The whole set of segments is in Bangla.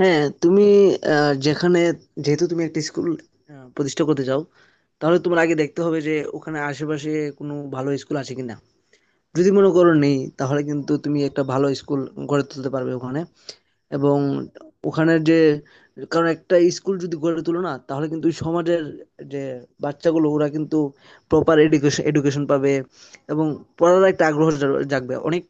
হ্যাঁ, তুমি আহ, যেখানে যেহেতু তুমি একটা স্কুল প্রতিষ্ঠা করতে চাও, তাহলে তোমার আগে দেখতে হবে যে ওখানে আশেপাশে কোনো ভালো স্কুল আছে কিনা। যদি মনে করো নেই, তাহলে কিন্তু তুমি একটা ভালো স্কুল গড়ে তুলতে পারবে ওখানে। এবং ওখানের যে, কারণ একটা স্কুল যদি গড়ে তুলো না, তাহলে কিন্তু ওই সমাজের যে বাচ্চাগুলো ওরা কিন্তু প্রপার এডুকেশন এডুকেশন পাবে। এবং পড়ার একটা আগ্রহ জাগবে। অনেক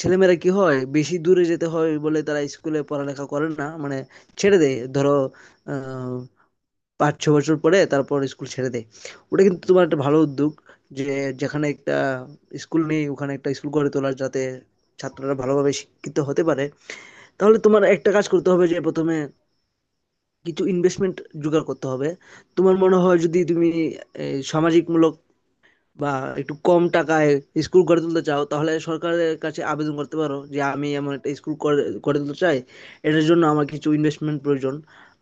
ছেলেমেয়েরা কি হয়, বেশি দূরে যেতে হয় বলে তারা স্কুলে পড়ালেখা করে না, মানে ছেড়ে দেয়। ধরো, আহ, 5-6 বছর পরে তারপর স্কুল ছেড়ে দেয়। ওটা কিন্তু তোমার একটা ভালো উদ্যোগ যে যেখানে একটা স্কুল নেই ওখানে একটা স্কুল গড়ে তোলার, যাতে ছাত্ররা ভালোভাবে শিক্ষিত হতে পারে। তাহলে তোমার একটা কাজ করতে হবে যে প্রথমে কিছু ইনভেস্টমেন্ট জোগাড় করতে হবে। তোমার মনে হয় যদি তুমি সামাজিকমূলক বা একটু কম টাকায় স্কুল গড়ে তুলতে চাও, তাহলে সরকারের কাছে আবেদন করতে পারো যে আমি এমন একটা স্কুল করে গড়ে তুলতে চাই, এটার জন্য আমার কিছু ইনভেস্টমেন্ট প্রয়োজন।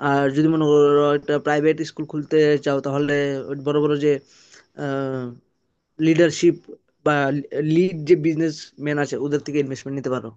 আর যদি মনে করো একটা প্রাইভেট স্কুল খুলতে চাও, তাহলে বড় বড় যে লিডারশিপ বা লিড যে বিজনেস ম্যান আছে, ওদের থেকে ইনভেস্টমেন্ট নিতে পারো।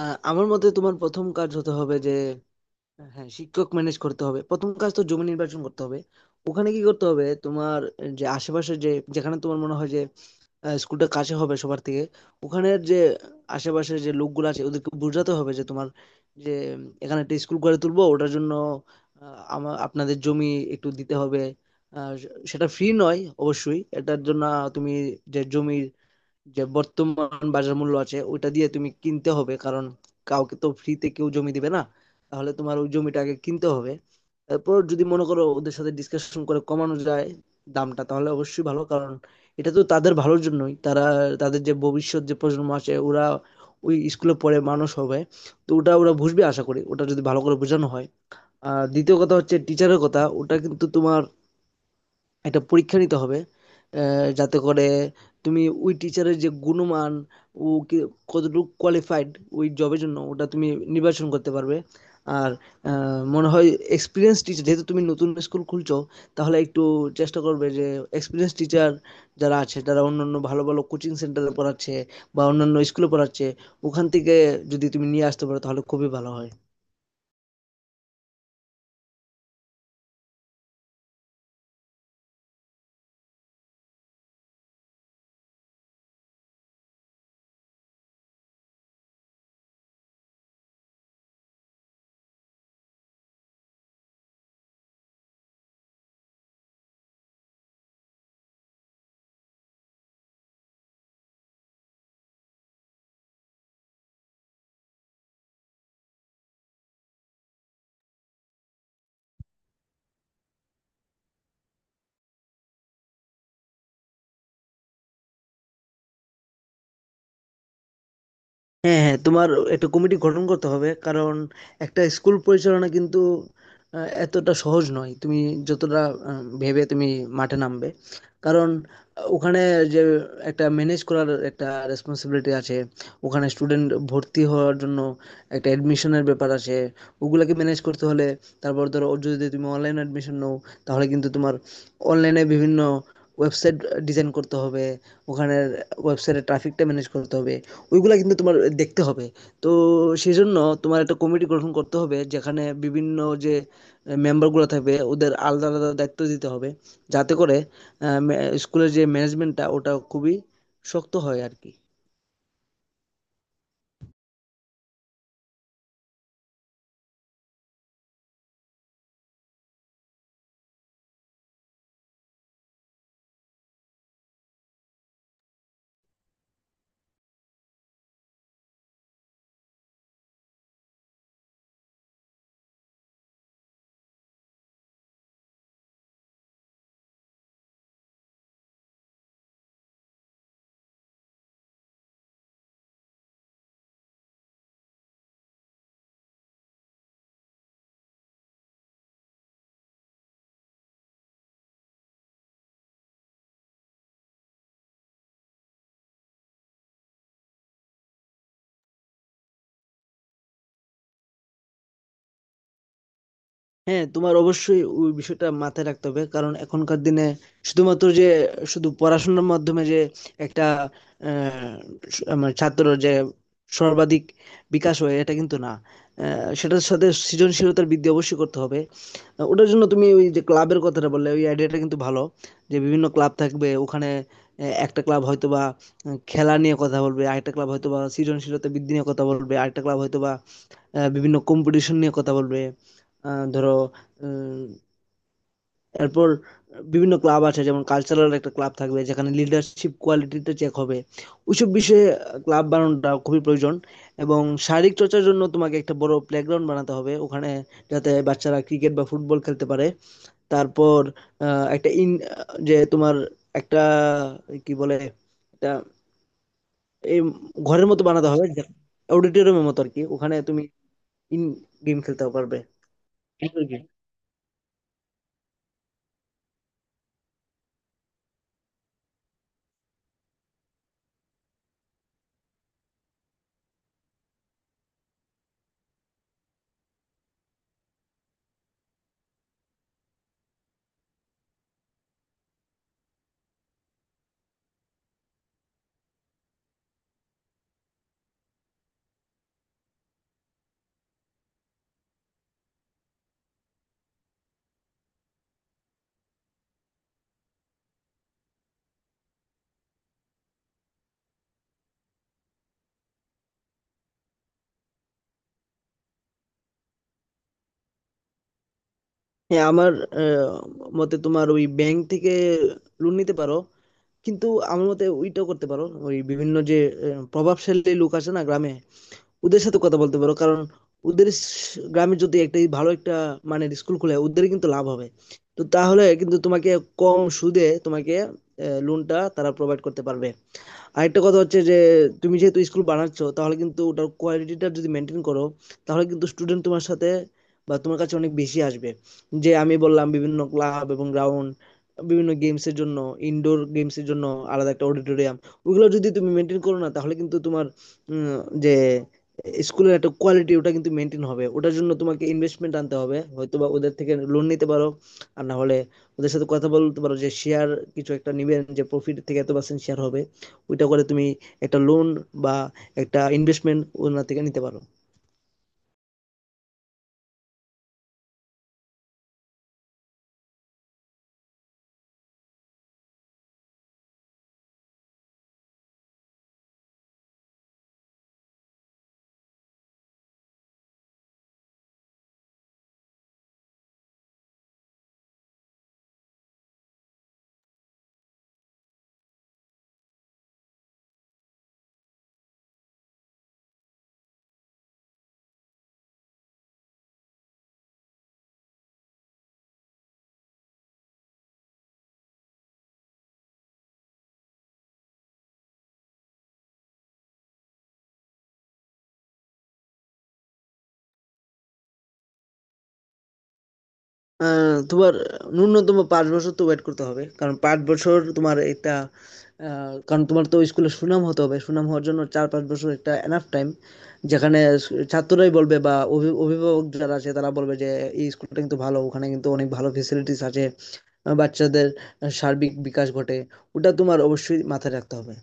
আমার মতে তোমার প্রথম কাজ হতে হবে যে, হ্যাঁ, শিক্ষক ম্যানেজ করতে হবে। প্রথম কাজ তো জমি নির্বাচন করতে হবে। ওখানে কি করতে হবে তোমার? যে আশেপাশে যে, যেখানে তোমার মনে হয় যে স্কুলটা কাছে হবে সবার থেকে, ওখানের যে আশেপাশে যে লোকগুলো আছে ওদেরকে বোঝাতে হবে যে, তোমার যে, এখানে একটা স্কুল গড়ে তুলবো, ওটার জন্য আমার আপনাদের জমি একটু দিতে হবে। আহ, সেটা ফ্রি নয়, অবশ্যই এটার জন্য তুমি যে জমির যে বর্তমান বাজার মূল্য আছে ওইটা দিয়ে তুমি কিনতে হবে, কারণ কাউকে তো ফ্রিতে কেউ জমি দিবে না। তাহলে তোমার ওই জমিটা আগে কিনতে হবে। তারপর যদি মনে করো ওদের সাথে ডিসকাশন করে কমানো যায় দামটা, তাহলে অবশ্যই ভালো, কারণ এটা তো তাদের ভালোর জন্যই। তারা, তাদের যে ভবিষ্যৎ যে প্রজন্ম আছে ওরা ওই স্কুলে পড়ে মানুষ হবে। তো ওটা ওরা বুঝবে, আশা করি, ওটা যদি ভালো করে বোঝানো হয়। আর দ্বিতীয় কথা হচ্ছে টিচারের কথা। ওটা কিন্তু তোমার একটা পরীক্ষা নিতে হবে, যাতে করে তুমি ওই টিচারের যে গুণমান, ও কি কতটুকু কোয়ালিফাইড ওই জবের জন্য, ওটা তুমি নির্বাচন করতে পারবে। আর মনে হয় এক্সপিরিয়েন্স টিচার, যেহেতু তুমি নতুন স্কুল খুলছো, তাহলে একটু চেষ্টা করবে যে এক্সপিরিয়েন্স টিচার যারা আছে, যারা অন্যান্য ভালো ভালো কোচিং সেন্টারে পড়াচ্ছে বা অন্যান্য স্কুলে পড়াচ্ছে, ওখান থেকে যদি তুমি নিয়ে আসতে পারো তাহলে খুবই ভালো হয়। হ্যাঁ, হ্যাঁ, তোমার একটা কমিটি গঠন করতে হবে, কারণ একটা স্কুল পরিচালনা কিন্তু এতটা সহজ নয় তুমি যতটা ভেবে তুমি মাঠে নামবে। কারণ ওখানে যে একটা ম্যানেজ করার একটা রেসপন্সিবিলিটি আছে। ওখানে স্টুডেন্ট ভর্তি হওয়ার জন্য একটা অ্যাডমিশনের ব্যাপার আছে, ওগুলাকে ম্যানেজ করতে হলে। তারপর ধরো ও যদি তুমি অনলাইন অ্যাডমিশন নাও, তাহলে কিন্তু তোমার অনলাইনে বিভিন্ন ওয়েবসাইট ডিজাইন করতে হবে, ওখানের ওয়েবসাইটে ট্রাফিকটা ম্যানেজ করতে হবে। ওইগুলা কিন্তু তোমার দেখতে হবে। তো সেজন্য তোমার একটা কমিটি গঠন করতে হবে, যেখানে বিভিন্ন যে মেম্বারগুলো থাকবে, ওদের আলাদা আলাদা দায়িত্ব দিতে হবে, যাতে করে স্কুলের যে ম্যানেজমেন্টটা ওটা খুবই শক্ত হয় আর কি। হ্যাঁ, তোমার অবশ্যই ওই বিষয়টা মাথায় রাখতে হবে, কারণ এখনকার দিনে শুধুমাত্র যে, শুধু পড়াশোনার মাধ্যমে যে একটা আহ, মানে ছাত্রর যে সর্বাধিক বিকাশ হয় এটা কিন্তু না। সেটার সাথে সৃজনশীলতার বৃদ্ধি অবশ্যই করতে হবে। ওটার জন্য তুমি ওই যে ক্লাবের কথাটা বললে, ওই আইডিয়াটা কিন্তু ভালো, যে বিভিন্ন ক্লাব থাকবে ওখানে। একটা ক্লাব হয়তো বা খেলা নিয়ে কথা বলবে, আরেকটা ক্লাব হয়তো বা সৃজনশীলতা বৃদ্ধি নিয়ে কথা বলবে, আরেকটা ক্লাব হয়তো বা বিভিন্ন কম্পিটিশন নিয়ে কথা বলবে। ধরো, উম, এরপর বিভিন্ন ক্লাব আছে, যেমন কালচারাল একটা ক্লাব থাকবে যেখানে লিডারশিপ কোয়ালিটিটা চেক হবে। ওইসব বিষয়ে ক্লাব বানানোটা খুবই প্রয়োজন। এবং শারীরিক চর্চার জন্য তোমাকে একটা বড় প্লেগ্রাউন্ড বানাতে হবে ওখানে, যাতে বাচ্চারা ক্রিকেট বা ফুটবল খেলতে পারে। তারপর আহ, একটা ইন যে তোমার একটা, কি বলে, একটা এই ঘরের মতো বানাতে হবে, অডিটোরিয়ামের মতো আর কি, ওখানে তুমি ইন গেম খেলতে পারবে। Indoor game। হ্যাঁ, আমার আহ, মতে তোমার ওই ব্যাংক থেকে লোন নিতে পারো, কিন্তু আমার মতে ওইটাও করতে পারো, ওই বিভিন্ন যে প্রভাবশালী লোক আছে না গ্রামে, ওদের সাথে কথা বলতে পারো, কারণ গ্রামে যদি একটা ভালো একটা, মানে স্কুল খুলে ওদের কিন্তু লাভ হবে। তো তাহলে কিন্তু তোমাকে কম সুদে তোমাকে লোনটা তারা প্রোভাইড করতে পারবে। আরেকটা কথা হচ্ছে যে তুমি যেহেতু স্কুল বানাচ্ছ, তাহলে কিন্তু ওটার কোয়ালিটিটা যদি মেনটেন করো, তাহলে কিন্তু স্টুডেন্ট তোমার সাথে বা তোমার কাছে অনেক বেশি আসবে। যে আমি বললাম বিভিন্ন ক্লাব এবং গ্রাউন্ড, বিভিন্ন গেমসের জন্য, ইনডোর গেমসের জন্য আলাদা একটা অডিটোরিয়াম, ওগুলো যদি তুমি মেনটেন করো না, তাহলে কিন্তু তোমার উম, যে স্কুলের একটা কোয়ালিটি ওটা কিন্তু মেনটেন হবে। ওটার জন্য তোমাকে ইনভেস্টমেন্ট আনতে হবে, হয়তো বা ওদের থেকে লোন নিতে পারো। আর না হলে ওদের সাথে কথা বলতে পারো যে শেয়ার কিছু একটা নিবেন, যে প্রফিট থেকে এত পার্সেন্ট শেয়ার হবে। ওইটা করে তুমি একটা লোন বা একটা ইনভেস্টমেন্ট ওনার থেকে নিতে পারো। তোমার ন্যূনতম 5 বছর তো ওয়েট করতে হবে, কারণ 5 বছর তোমার একটা, কারণ তোমার তো স্কুলে সুনাম হতে হবে। সুনাম হওয়ার জন্য 4-5 বছর একটা এনাফ টাইম, যেখানে ছাত্ররাই বলবে বা অভিভাবক যারা আছে তারা বলবে যে এই স্কুলটা কিন্তু ভালো, ওখানে কিন্তু অনেক ভালো ফেসিলিটিস আছে। বাচ্চাদের সার্বিক বিকাশ ঘটে। ওটা তোমার অবশ্যই মাথায় রাখতে হবে।